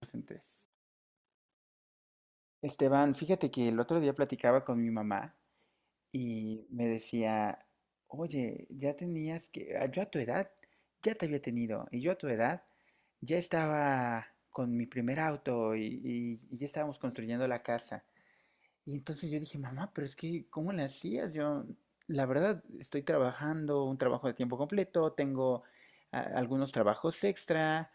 Docentes. Esteban, fíjate que el otro día platicaba con mi mamá y me decía, oye, ya tenías que, yo a tu edad ya te había tenido y yo a tu edad ya estaba con mi primer auto y ya estábamos construyendo la casa. Y entonces yo dije, mamá, pero es que, ¿cómo le hacías? Yo, la verdad, estoy trabajando un trabajo de tiempo completo, tengo algunos trabajos extra,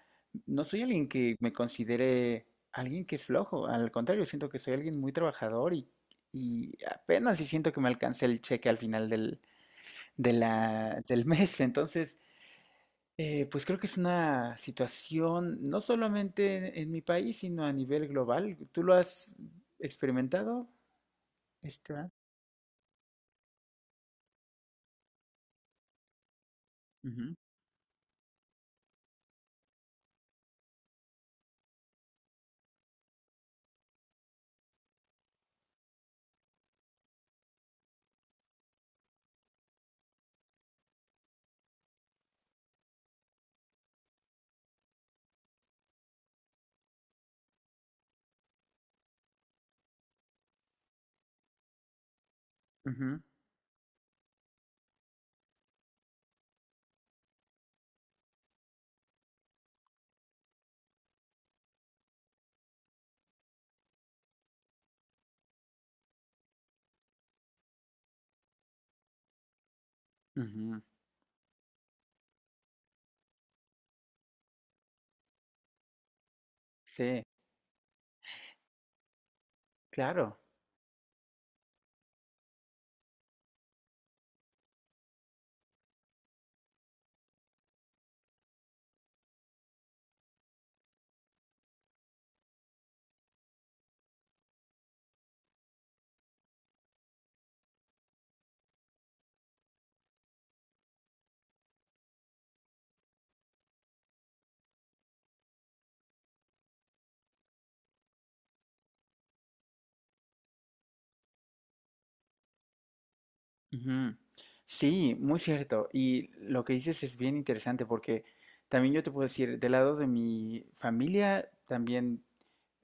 no soy alguien que me considere alguien que es flojo, al contrario, siento que soy alguien muy trabajador y apenas si siento que me alcanza el cheque al final del mes. Entonces, pues creo que es una situación no solamente en mi país, sino a nivel global. ¿Tú lo has experimentado, este Ujú, ujú, ujú. Sí, claro. Ujú. Sí, muy cierto. Y lo que dices es bien interesante porque también yo te puedo decir, del lado de mi familia, también,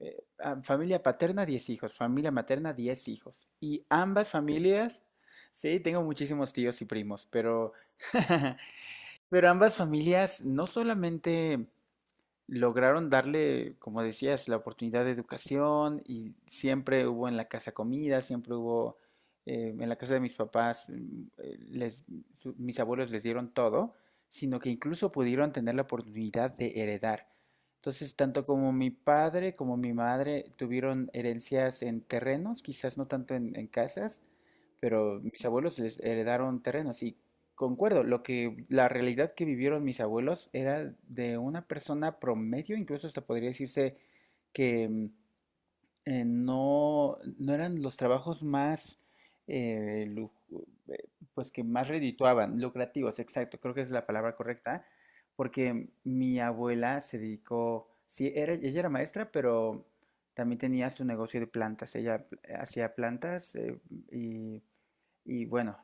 familia paterna, 10 hijos, familia materna, 10 hijos. Y ambas familias, sí, tengo muchísimos tíos y primos, pero, pero ambas familias no solamente... lograron darle, como decías, la oportunidad de educación y siempre hubo en la casa comida, siempre hubo en la casa de mis papás, mis abuelos les dieron todo, sino que incluso pudieron tener la oportunidad de heredar. Entonces, tanto como mi padre como mi madre tuvieron herencias en terrenos, quizás no tanto en casas, pero mis abuelos les heredaron terrenos y Concuerdo, lo que la realidad que vivieron mis abuelos era de una persona promedio, incluso hasta podría decirse que no, no eran los trabajos más, eh, lu- eh, pues que más redituaban, lucrativos, exacto, creo que es la palabra correcta, porque mi abuela se dedicó, sí, era, ella era maestra, pero también tenía su negocio de plantas, ella hacía plantas y y bueno,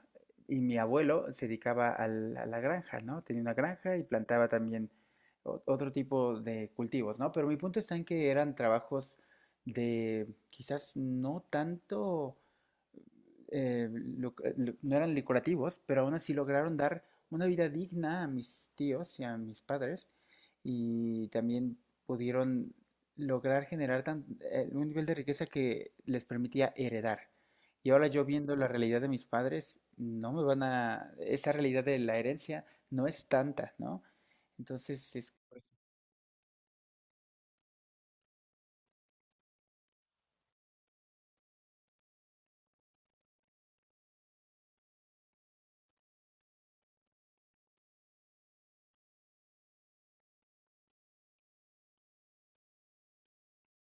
y mi abuelo se dedicaba a la granja, ¿no? Tenía una granja y plantaba también otro tipo de cultivos, ¿no? Pero mi punto está en que eran trabajos de quizás no tanto no eran decorativos, pero aún así lograron dar una vida digna a mis tíos y a mis padres y también pudieron lograr generar un nivel de riqueza que les permitía heredar. Y ahora yo viendo la realidad de mis padres, no me van a... Esa realidad de la herencia no es tanta, ¿no? Entonces es... Por eso.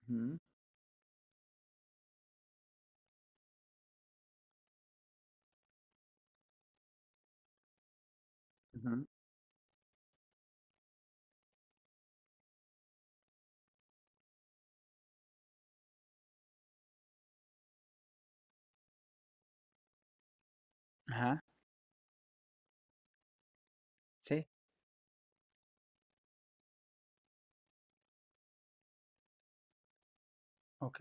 Ujú, ujú. Ajá, sí, ok,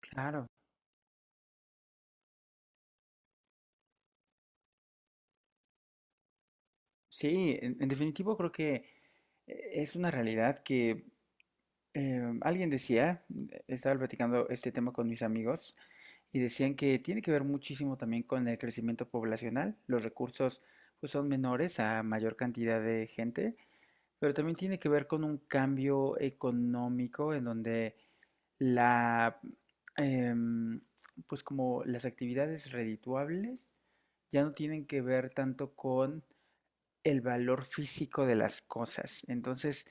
claro. Sí, en definitivo creo que es una realidad que alguien decía, estaba platicando este tema con mis amigos y decían que tiene que ver muchísimo también con el crecimiento poblacional. Los recursos pues son menores a mayor cantidad de gente, pero también tiene que ver con un cambio económico en donde la em, pues como las actividades redituables ya no tienen que ver tanto con el valor físico de las cosas. Entonces,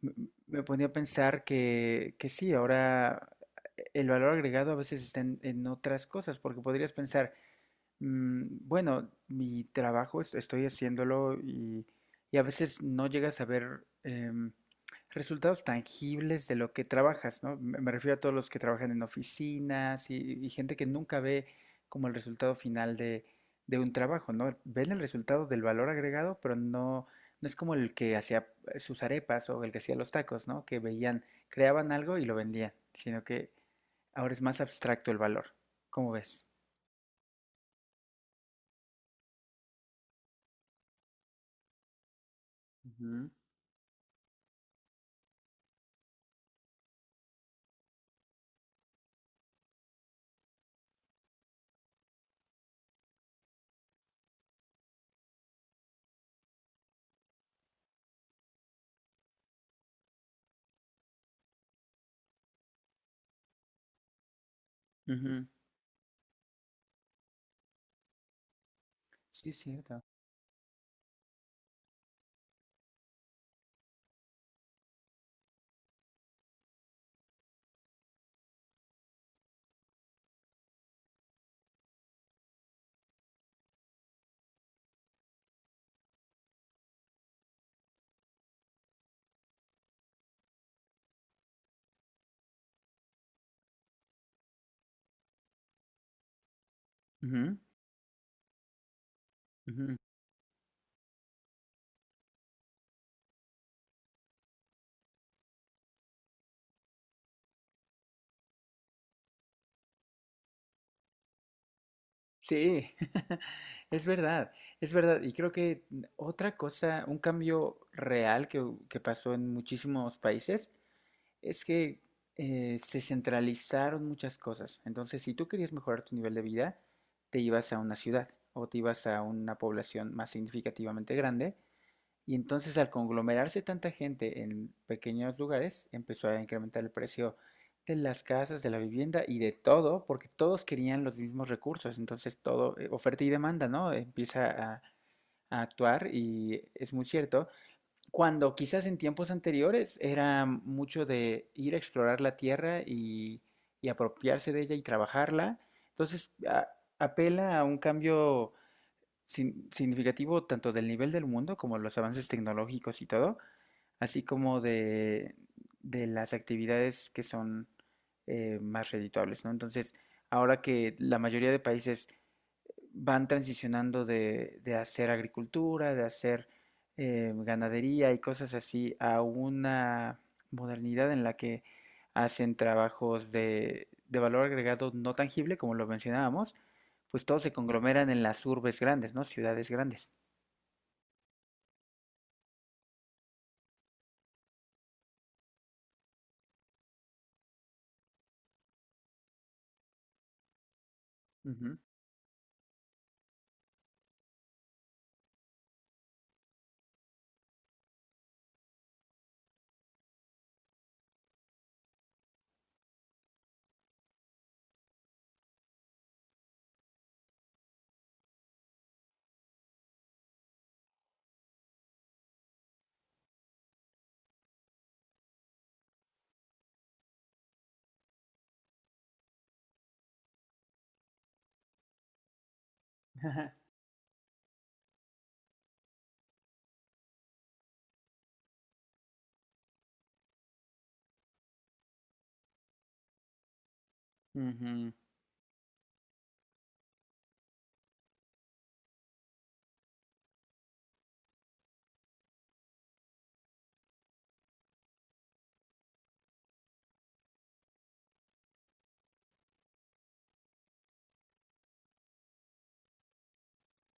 me me ponía a pensar que sí, ahora el valor agregado a veces está en otras cosas, porque podrías pensar, mm, bueno, mi trabajo estoy haciéndolo y a veces no llegas a ver resultados tangibles de lo que trabajas, ¿no? Me refiero a todos los que trabajan en oficinas y gente que nunca ve como el resultado final de un trabajo, ¿no? Ven el resultado del valor agregado, pero no, no es como el que hacía sus arepas o el que hacía los tacos, ¿no? Que veían, creaban algo y lo vendían, sino que ahora es más abstracto el valor. ¿Cómo ves? Ujú. Ujú. Sí, es cierto. Ujú, ujú. Sí, es verdad, es verdad. Y creo que otra cosa, un cambio real que pasó en muchísimos países es que se centralizaron muchas cosas. Entonces, si tú querías mejorar tu nivel de vida, te ibas a una ciudad o te ibas a una población más significativamente grande. Y entonces al conglomerarse tanta gente en pequeños lugares, empezó a incrementar el precio de las casas, de la vivienda y de todo, porque todos querían los mismos recursos. Entonces todo, oferta y demanda, ¿no? Empieza a actuar y es muy cierto. Cuando quizás en tiempos anteriores era mucho de ir a explorar la tierra y apropiarse de ella y trabajarla. Entonces apela a un cambio significativo tanto del nivel del mundo como los avances tecnológicos y todo, así como de las actividades que son más redituables, ¿no? Entonces, ahora que la mayoría de países van transicionando de hacer agricultura, de hacer ganadería y cosas así a una modernidad en la que hacen trabajos de valor agregado no tangible, como lo mencionábamos, pues todos se conglomeran en las urbes grandes, ¿no? Ciudades grandes. Ujú. Ujú.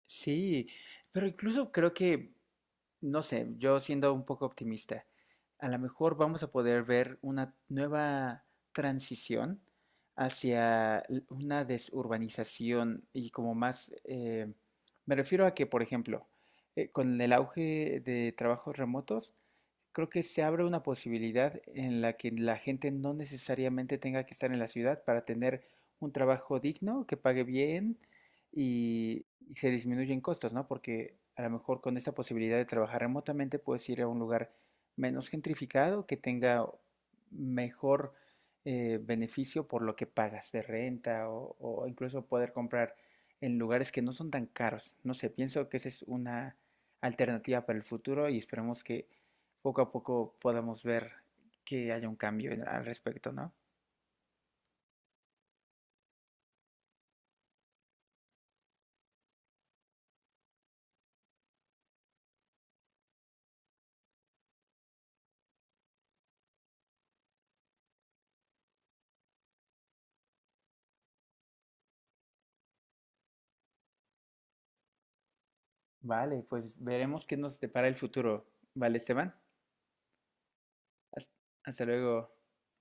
Sí, pero incluso creo que, no sé, yo siendo un poco optimista, a lo mejor vamos a poder ver una nueva transición hacia una desurbanización y como más, me refiero a que, por ejemplo, con el auge de trabajos remotos, creo que se abre una posibilidad en la que la gente no necesariamente tenga que estar en la ciudad para tener un trabajo digno, que pague bien y se disminuyen costos, ¿no? Porque a lo mejor con esa posibilidad de trabajar remotamente puedes ir a un lugar menos gentrificado, que tenga mejor beneficio por lo que pagas de renta o incluso poder comprar en lugares que no son tan caros. No sé, pienso que esa es una alternativa para el futuro y esperemos que poco a poco podamos ver que haya un cambio al respecto, ¿no? Vale, pues veremos qué nos depara el futuro. Vale, Esteban. Hasta, hasta luego.